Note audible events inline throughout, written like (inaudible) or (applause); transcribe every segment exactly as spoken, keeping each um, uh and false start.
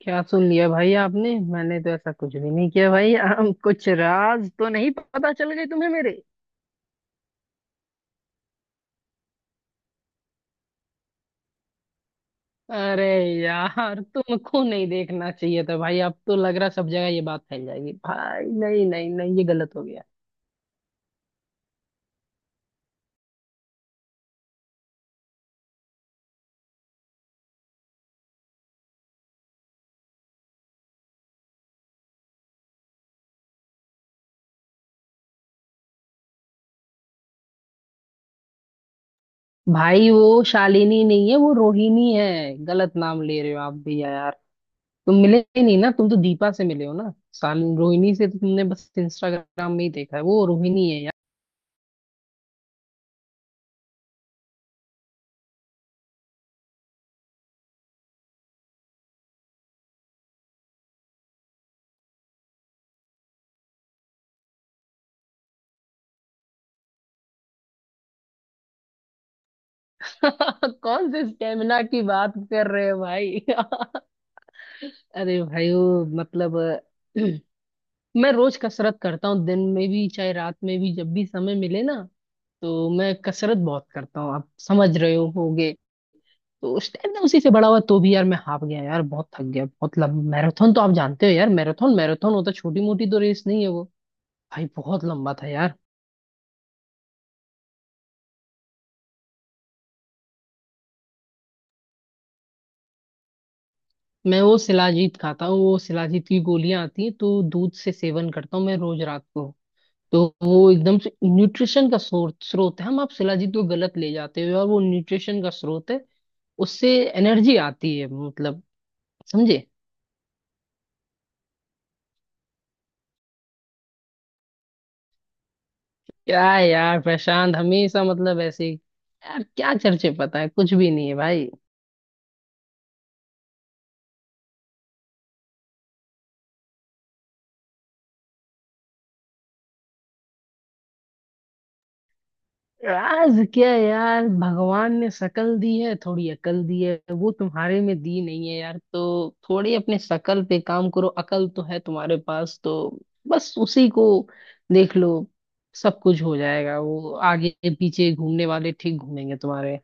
क्या सुन लिया भाई आपने? मैंने तो ऐसा कुछ भी नहीं किया भाई। हम कुछ राज तो नहीं पता चल गए तुम्हें मेरे? अरे यार, तुमको नहीं देखना चाहिए था भाई। अब तो लग रहा सब जगह ये बात फैल जाएगी भाई। नहीं नहीं नहीं, ये गलत हो गया। भाई वो शालिनी नहीं है, वो रोहिणी है। गलत नाम ले रहे हो आप भी यार। तुम मिले ही नहीं ना, तुम तो दीपा से मिले हो ना। शालिनी रोहिणी से तो तुमने बस इंस्टाग्राम में ही देखा है, वो रोहिणी है यार। (laughs) कौन से स्टेमिना की बात कर रहे हो भाई? (laughs) अरे भाई वो मतलब। (clears throat) मैं रोज कसरत करता हूँ, दिन में भी चाहे रात में भी, जब भी समय मिले ना। तो मैं कसरत बहुत करता हूँ, आप समझ रहे हो होगे। तो उस टाइम ना उसी से बड़ा हुआ, तो भी यार मैं हाफ गया यार, बहुत थक गया। बहुत लंबा मैराथन तो आप जानते हो यार, मैराथन मैराथन होता, छोटी मोटी तो रेस नहीं है वो। भाई बहुत लंबा था यार। मैं वो शिलाजीत खाता हूँ, वो शिलाजीत की गोलियां आती हैं, तो दूध से सेवन करता हूँ मैं रोज रात को। तो वो एकदम से न्यूट्रिशन का स्रोत स्रोत है। हम आप शिलाजीत को गलत ले जाते हो, और वो न्यूट्रिशन का स्रोत है। उससे एनर्जी आती है मतलब। समझे? क्या है यार प्रशांत, हमेशा मतलब ऐसे ही- यार क्या चर्चे, पता है कुछ भी नहीं है भाई। आज क्या यार, भगवान ने शकल दी है, थोड़ी अकल दी है, वो तुम्हारे में दी नहीं है यार। तो थोड़ी अपने शकल पे काम करो, अकल तो है तुम्हारे पास तो। बस उसी को देख लो, सब कुछ हो जाएगा। वो आगे पीछे घूमने वाले ठीक घूमेंगे तुम्हारे।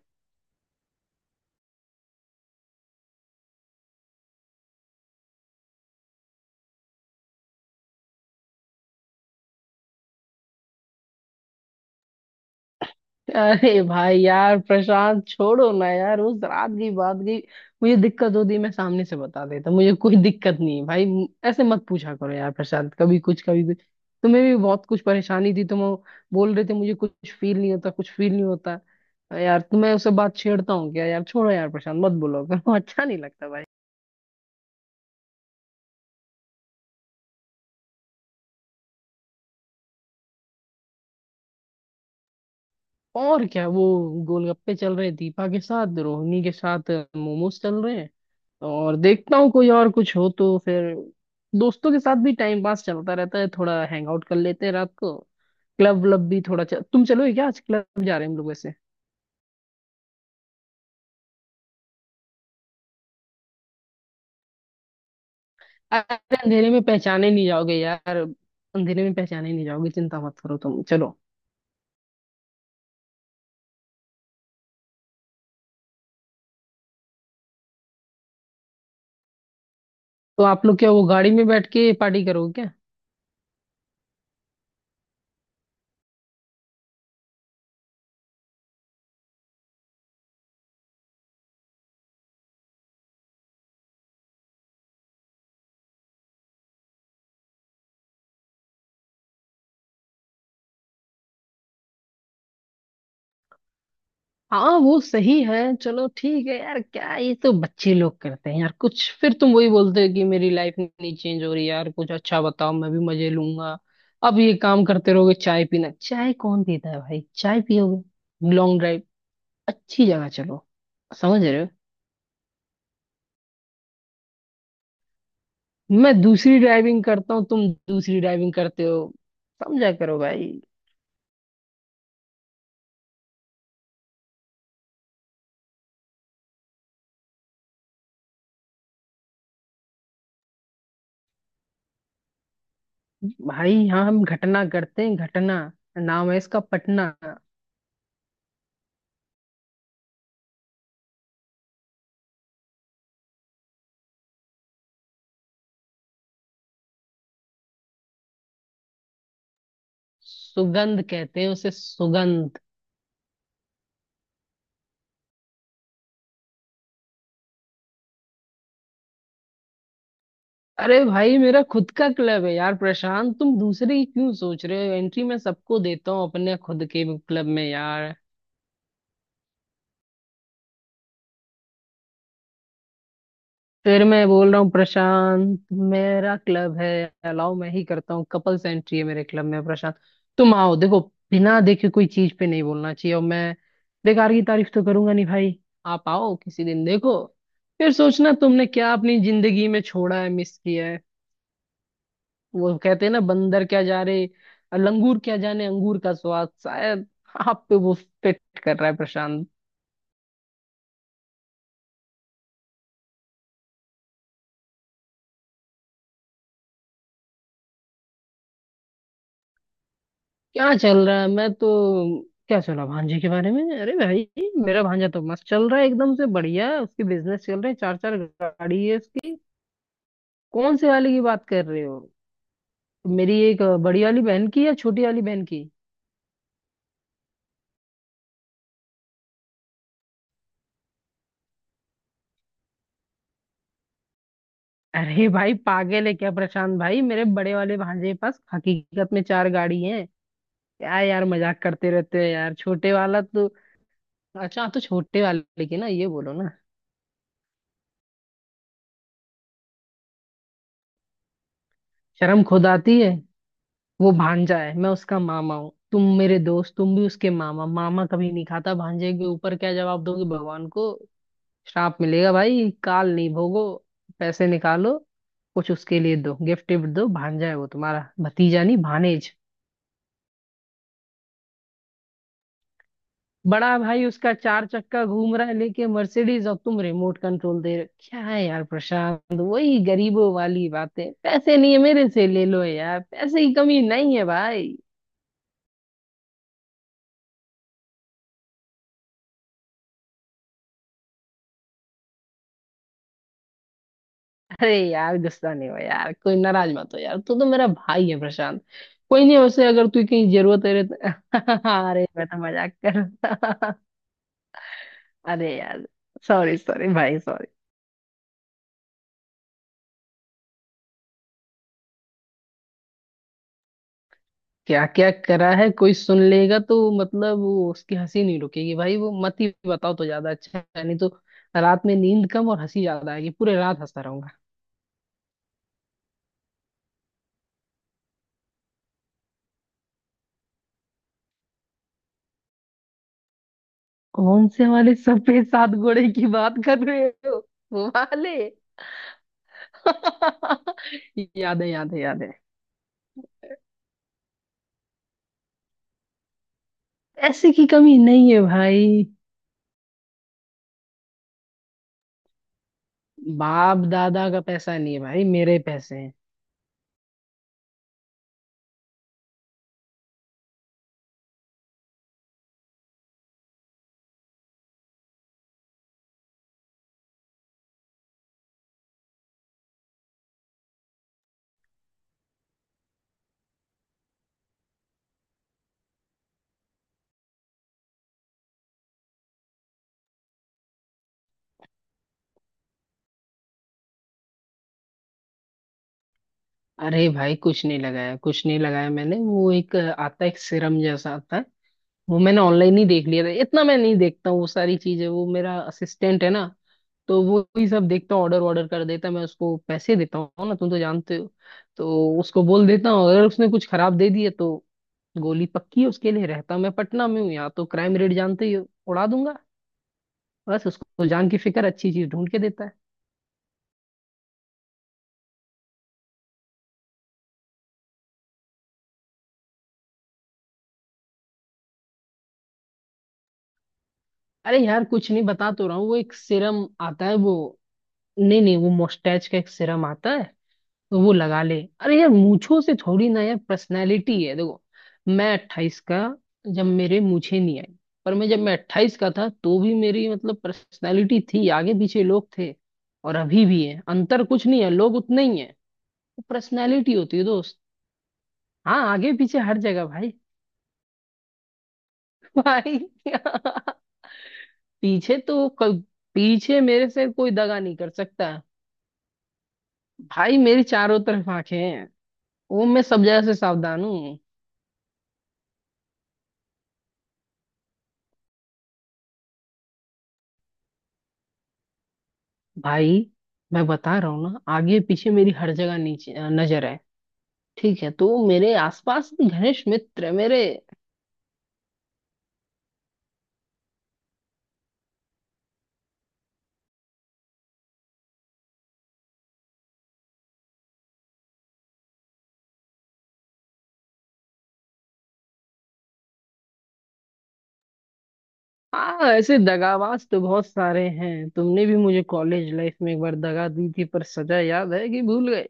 अरे भाई यार प्रशांत, छोड़ो ना यार उस रात की बात की। मुझे दिक्कत होती मैं सामने से बता देता, मुझे कोई दिक्कत नहीं है भाई। म- ऐसे मत पूछा करो यार प्रशांत, कभी कुछ कभी कुछ। तुम्हें भी बहुत कुछ परेशानी थी, तुम बोल रहे थे मुझे कुछ फील नहीं होता कुछ फील नहीं होता। यार तुम्हें उससे बात छेड़ता हूँ क्या यार? छोड़ो यार प्रशांत, मत बोलो करो। (laughs) अच्छा नहीं लगता भाई। और क्या वो गोलगप्पे चल रहे दीपा के साथ, रोहिणी के साथ मोमोज चल रहे हैं। और देखता हूँ कोई और कुछ हो तो फिर। दोस्तों के साथ भी टाइम पास चलता रहता है, थोड़ा हैंग आउट कर लेते हैं रात को। क्लब व्लब भी थोड़ा चल... तुम चलोगे क्या? आज क्लब जा रहे हैं हम लोग वैसे। अरे अंधेरे में पहचाने नहीं जाओगे यार, अंधेरे में पहचाने नहीं जाओगे, चिंता मत करो, तुम चलो। तो आप लोग क्या वो गाड़ी में बैठ के पार्टी करोगे क्या? हाँ वो सही है। चलो ठीक है यार, क्या ये तो बच्चे लोग करते हैं यार कुछ। फिर तुम वही बोलते हो कि मेरी लाइफ नहीं चेंज हो रही, यार कुछ अच्छा बताओ, मैं भी मजे लूंगा। अब ये काम करते रहोगे, चाय पीना? चाय कौन पीता है भाई? चाय पियोगे लॉन्ग ड्राइव? अच्छी जगह चलो। समझ रहे हो? मैं दूसरी ड्राइविंग करता हूँ, तुम दूसरी ड्राइविंग करते हो। समझा करो भाई। भाई यहाँ हम घटना करते हैं, घटना नाम है इसका पटना। सुगंध कहते हैं उसे, सुगंध। अरे भाई मेरा खुद का क्लब है यार प्रशांत, तुम दूसरे ही क्यों सोच रहे हो? एंट्री मैं सबको देता हूँ अपने खुद के क्लब में यार। फिर मैं बोल रहा हूँ प्रशांत, मेरा क्लब है। अलाउ मैं ही करता हूँ, कपल्स एंट्री है मेरे क्लब में प्रशांत। तुम आओ, देखो। बिना देखे कोई चीज पे नहीं बोलना चाहिए, और मैं बेकार की तारीफ तो करूंगा नहीं भाई। आप आओ किसी दिन, देखो। फिर सोचना तुमने क्या अपनी जिंदगी में छोड़ा है, मिस किया है। वो कहते हैं ना, बंदर क्या जा रहे, लंगूर क्या जाने अंगूर का स्वाद, शायद आप पे वो फिट कर रहा है प्रशांत। क्या चल रहा है मैं तो? क्या सुना भांजे के बारे में? अरे भाई मेरा भांजा तो मस्त चल रहा है, एकदम से बढ़िया, उसके बिजनेस चल रहे हैं, चार चार गाड़ी है उसकी। कौन से वाले की बात कर रहे हो, मेरी एक बड़ी वाली बहन की या छोटी वाली बहन की? अरे भाई पागल है क्या प्रशांत? भाई मेरे बड़े वाले भांजे के पास हकीकत में चार गाड़ी है। क्या यार मजाक करते रहते हो यार, छोटे वाला तो। अच्छा, आप तो छोटे वाले की, ना ये बोलो ना। शर्म खुद आती है। वो भांजा है, मैं उसका मामा हूँ, तुम मेरे दोस्त, तुम भी उसके मामा। मामा कभी नहीं खाता भांजे के ऊपर, क्या जवाब दोगे भगवान को? श्राप मिलेगा भाई, काल नहीं भोगो। पैसे निकालो, कुछ उसके लिए दो, गिफ्ट विफ्ट दो। भांजा है वो तुम्हारा, भतीजा नहीं, भानेज। बड़ा भाई उसका चार चक्का घूम रहा है लेके मर्सिडीज, और तुम रिमोट कंट्रोल दे रहे हो। क्या है यार प्रशांत वही गरीबों वाली बातें? पैसे नहीं है मेरे से ले लो यार, पैसे की कमी नहीं है भाई। अरे यार गुस्सा नहीं हो यार, कोई नाराज मत हो यार, तू तो मेरा भाई है प्रशांत। कोई नहीं, वैसे अगर तू कहीं जरूरत है तो- (laughs) अरे मैं तो मजाक कर रहा। (laughs) अरे यार सॉरी सॉरी भाई सॉरी। क्या क्या करा है, कोई सुन लेगा तो मतलब वो उसकी हंसी नहीं रुकेगी भाई, वो मत ही बताओ तो ज्यादा अच्छा है, नहीं तो रात में नींद कम और हंसी ज्यादा आएगी, पूरे रात हंसता रहूंगा। कौन से वाले सफेद सात घोड़े की बात कर रहे हो, वो वाले? (laughs) याद है याद है याद है। पैसे की कमी नहीं है भाई। बाप दादा का पैसा नहीं है भाई, मेरे पैसे हैं। अरे भाई कुछ नहीं लगाया, कुछ नहीं लगाया, मैंने वो एक आता है, एक सिरम जैसा आता है। वो मैंने ऑनलाइन ही देख लिया था, इतना मैं नहीं देखता हूँ वो सारी चीजें, वो मेरा असिस्टेंट है ना। तो वो ही सब देखता हूँ, ऑर्डर ऑर्डर कर देता है, मैं उसको पैसे देता हूँ ना, तुम तो जानते हो। तो उसको बोल देता हूँ, अगर उसने कुछ खराब दे दिया तो गोली पक्की है उसके लिए, रहता मैं पटना में हूँ, यहाँ तो क्राइम रेट जानते ही हो, उड़ा दूंगा। बस उसको जान की फिक्र, अच्छी चीज ढूंढ के देता है। अरे यार कुछ नहीं, बता तो रहा हूँ, वो एक सिरम आता है वो। नहीं नहीं, वो मोस्टैच का एक सिरम आता है, तो वो लगा ले। अरे यार मूंछों से थोड़ी ना यार पर्सनैलिटी है, देखो मैं अट्ठाईस का, जब मेरे मूंछें नहीं आई, पर मैं जब मैं अट्ठाईस का था तो भी मेरी मतलब पर्सनैलिटी थी, आगे पीछे लोग थे। और अभी भी है, अंतर कुछ नहीं है, लोग उतने ही हैं। वो पर्सनैलिटी होती है दोस्त। हाँ आगे पीछे हर जगह भाई। (laughs) भाई। पीछे तो क- पीछे मेरे से कोई दगा नहीं कर सकता भाई, मेरी चारों तरफ आंखें हैं। वो मैं सब जगह से सावधान हूँ। भाई मैं बता रहा हूँ ना, आगे पीछे मेरी हर जगह नीचे अ, नजर है। ठीक है, तो मेरे आसपास भी घनिष्ठ मित्र मेरे। हाँ ऐसे दगाबाज तो बहुत सारे हैं, तुमने भी मुझे कॉलेज लाइफ में एक बार दगा दी थी, पर सजा याद है कि भूल गए?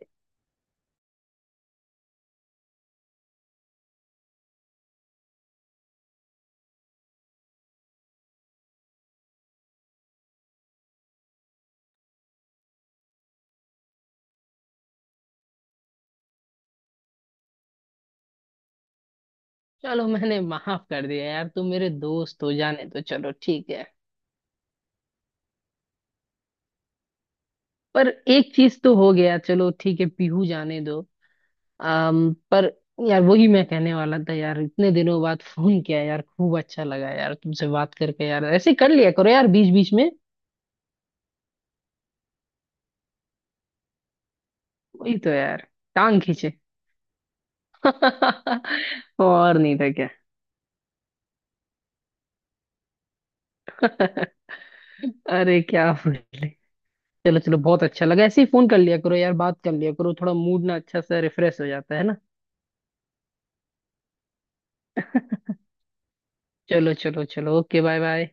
चलो मैंने माफ कर दिया यार, तुम मेरे दोस्त हो, जाने दो, चलो ठीक है। पर एक चीज तो हो गया, चलो ठीक है, पीहू जाने दो। अम पर यार वही मैं कहने वाला था यार, इतने दिनों बाद फोन किया यार, खूब अच्छा लगा यार तुमसे बात करके, यार ऐसे ही कर लिया करो यार बीच बीच में। वही तो यार, टांग खींचे। (laughs) और नहीं था क्या? (laughs) अरे क्या बोले। चलो चलो बहुत अच्छा लगा, ऐसे ही फोन कर लिया करो यार, बात कर लिया करो, थोड़ा मूड ना अच्छा सा रिफ्रेश हो जाता है ना। चलो चलो चलो, ओके, बाय बाय।